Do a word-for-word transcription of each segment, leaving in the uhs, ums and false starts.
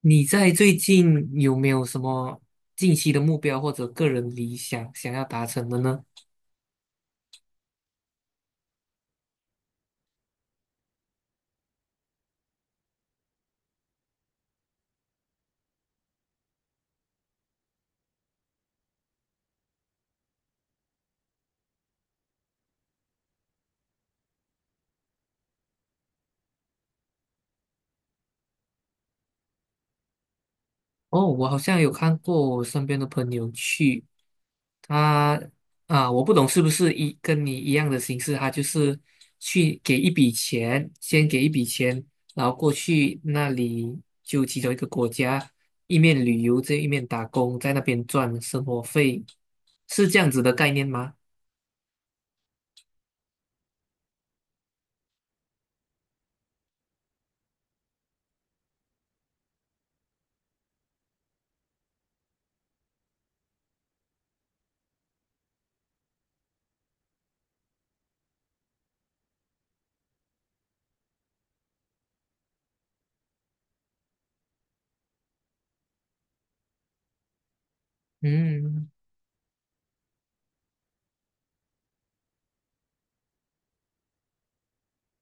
你在最近有没有什么近期的目标或者个人理想想要达成的呢？哦，我好像有看过我身边的朋友去，他啊，我不懂是不是一跟你一样的形式，他就是去给一笔钱，先给一笔钱，然后过去那里就其中一个国家，一面旅游，这一面打工，在那边赚生活费，是这样子的概念吗？嗯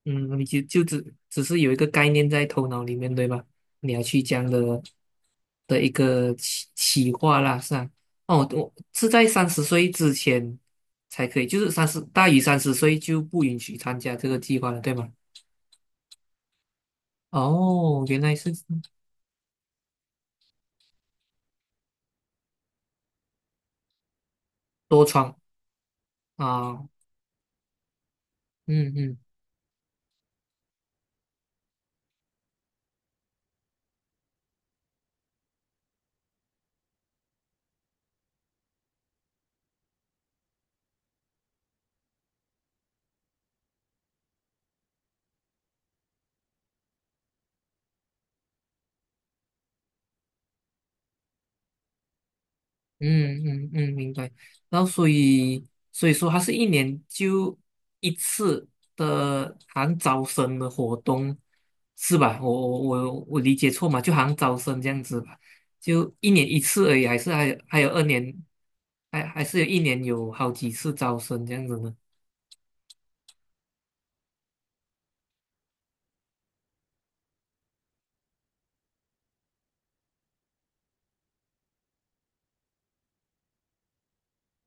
嗯，你就就只只是有一个概念在头脑里面，对吧？你要去这样的的一个企企划啦，是啊。哦，我是在三十岁之前才可以，就是三十大于三十岁就不允许参加这个计划了，对吗？哦，原来是多创啊，嗯嗯嗯嗯嗯，明白。然后所以所以说，它是一年就一次的含招生的活动，是吧？我我我我理解错嘛？就好像招生这样子吧，就一年一次而已，还是还有还有二年，还还是有一年有好几次招生这样子呢？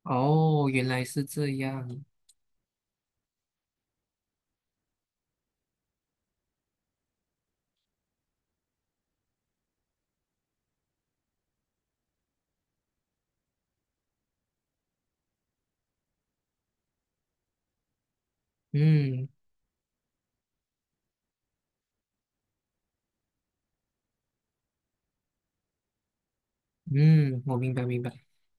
哦，原来是这样。嗯，嗯，我明白明白。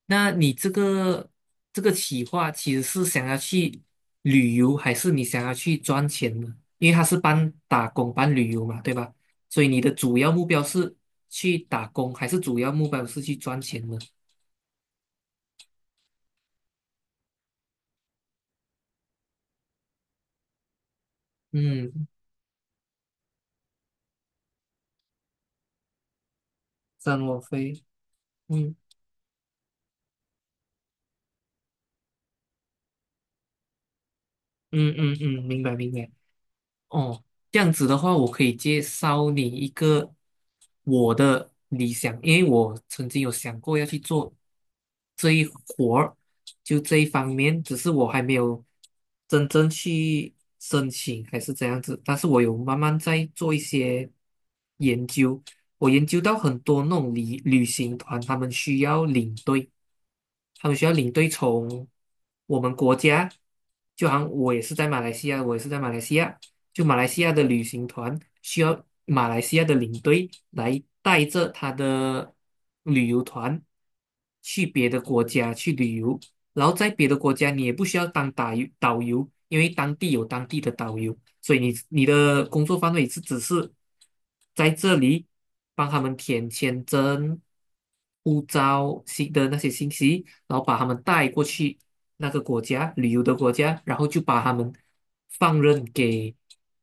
那你这个这个企划其实是想要去旅游，还是你想要去赚钱呢？因为它是半打工半旅游嘛，对吧？所以你的主要目标是去打工，还是主要目标是去赚钱呢？嗯，生活费。嗯嗯嗯嗯，明白明白。哦，这样子的话，我可以介绍你一个我的理想，因为我曾经有想过要去做这一活儿，就这一方面，只是我还没有真正去申请，还是怎样子。但是我有慢慢在做一些研究，我研究到很多那种旅旅行团，他们需要领队。他们需要领队从我们国家，就好像我也是在马来西亚，我也是在马来西亚，就马来西亚的旅行团需要马来西亚的领队来带着他的旅游团去别的国家去旅游，然后在别的国家你也不需要当导游导游，因为当地有当地的导游，所以你你的工作范围是只是在这里帮他们填签证、护照信的那些信息，然后把他们带过去那个国家旅游的国家，然后就把他们放任给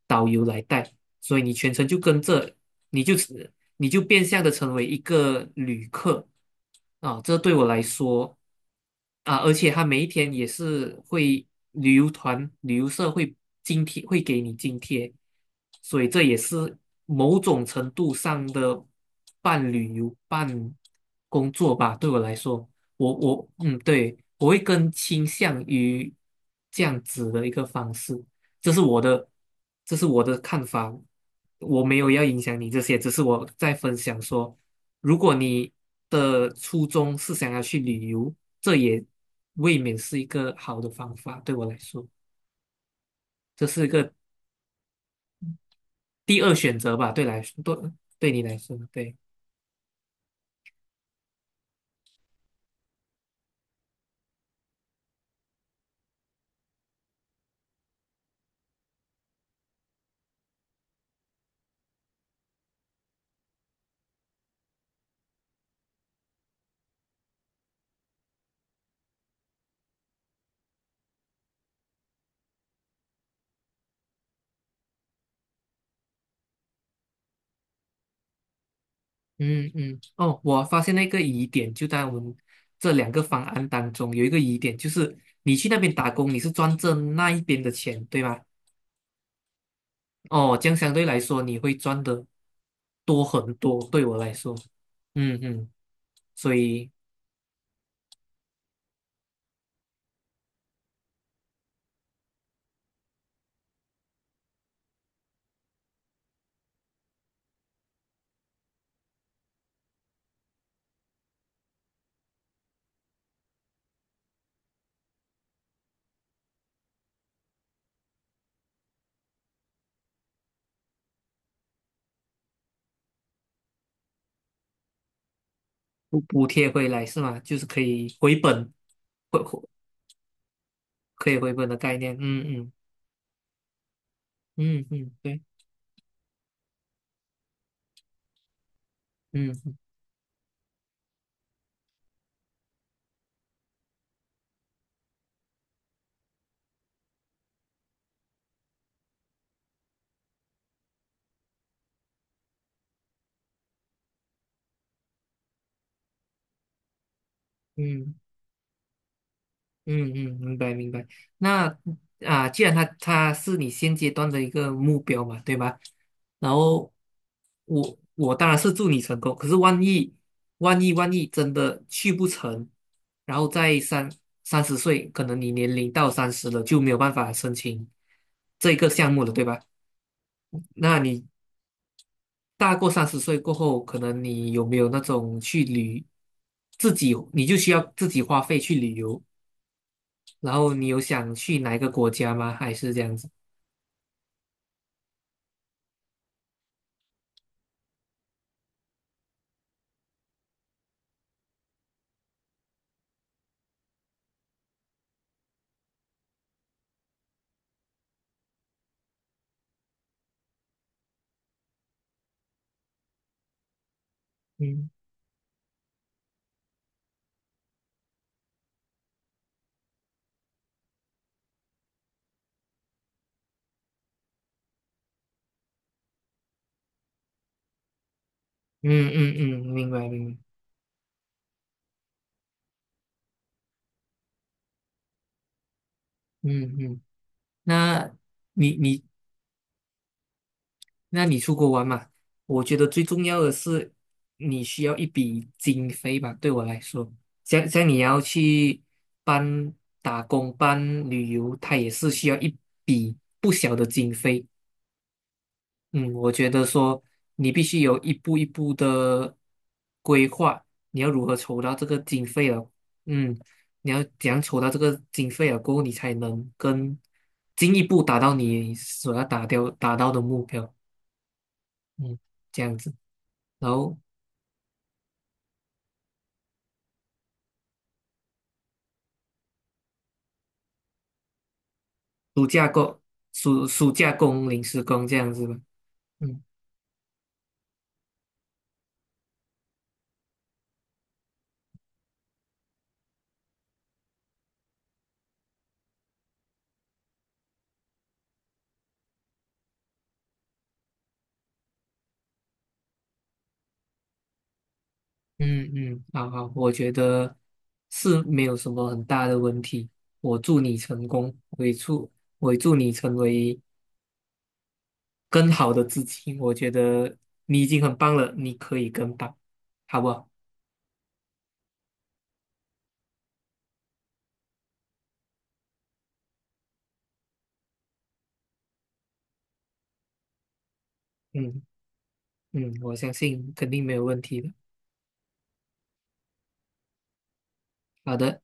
导游来带，所以你全程就跟着，你就你就变相的成为一个旅客啊，这对我来说。啊，而且他每一天也是会旅游团、旅游社会津贴，会给你津贴，所以这也是某种程度上的半旅游、半工作吧。对我来说，我我嗯，对，我会更倾向于这样子的一个方式，这是我的，这是我的看法。我没有要影响你这些，只是我在分享说，如果你的初衷是想要去旅游。这也未免是一个好的方法，对我来说，这是一个第二选择吧，对来说，对对你来说，对，嗯嗯，哦，我发现了一个疑点，就在我们这两个方案当中，有一个疑点就是你去那边打工，你是赚这那一边的钱，对吗？哦，这样相对来说你会赚的多很多，对我来说，嗯嗯，所以补补贴回来是吗？就是可以回本，回回可以回本的概念，嗯嗯嗯嗯，对。嗯嗯嗯嗯，明白明白。那啊，既然他他是你现阶段的一个目标嘛，对吧？然后我我当然是祝你成功，可是万一万一万一真的去不成，然后在三三十岁，可能你年龄到三十了就没有办法申请这个项目了，对吧？那你大过三十岁过后，可能你有没有那种去旅自己，你就需要自己花费去旅游，然后你有想去哪一个国家吗？还是这样子？嗯嗯嗯嗯，明白明白。嗯嗯，那你你那你出国玩嘛？我觉得最重要的是你需要一笔经费吧，对我来说，像像你要去办打工、办旅游，它也是需要一笔不小的经费。嗯，我觉得说你必须有一步一步的规划，你要如何筹到这个经费了？嗯，你要怎样筹到这个经费了过后，你才能更进一步达到你所要达掉达到的目标。嗯，这样子，然后暑假工暑暑假工、临时工这样子吧。嗯嗯嗯，好好，我觉得是没有什么很大的问题。我祝你成功，我也祝我也祝你成为。更好的自己，我觉得你已经很棒了，你可以更棒，好不好？嗯嗯，我相信肯定没有问题的。好的。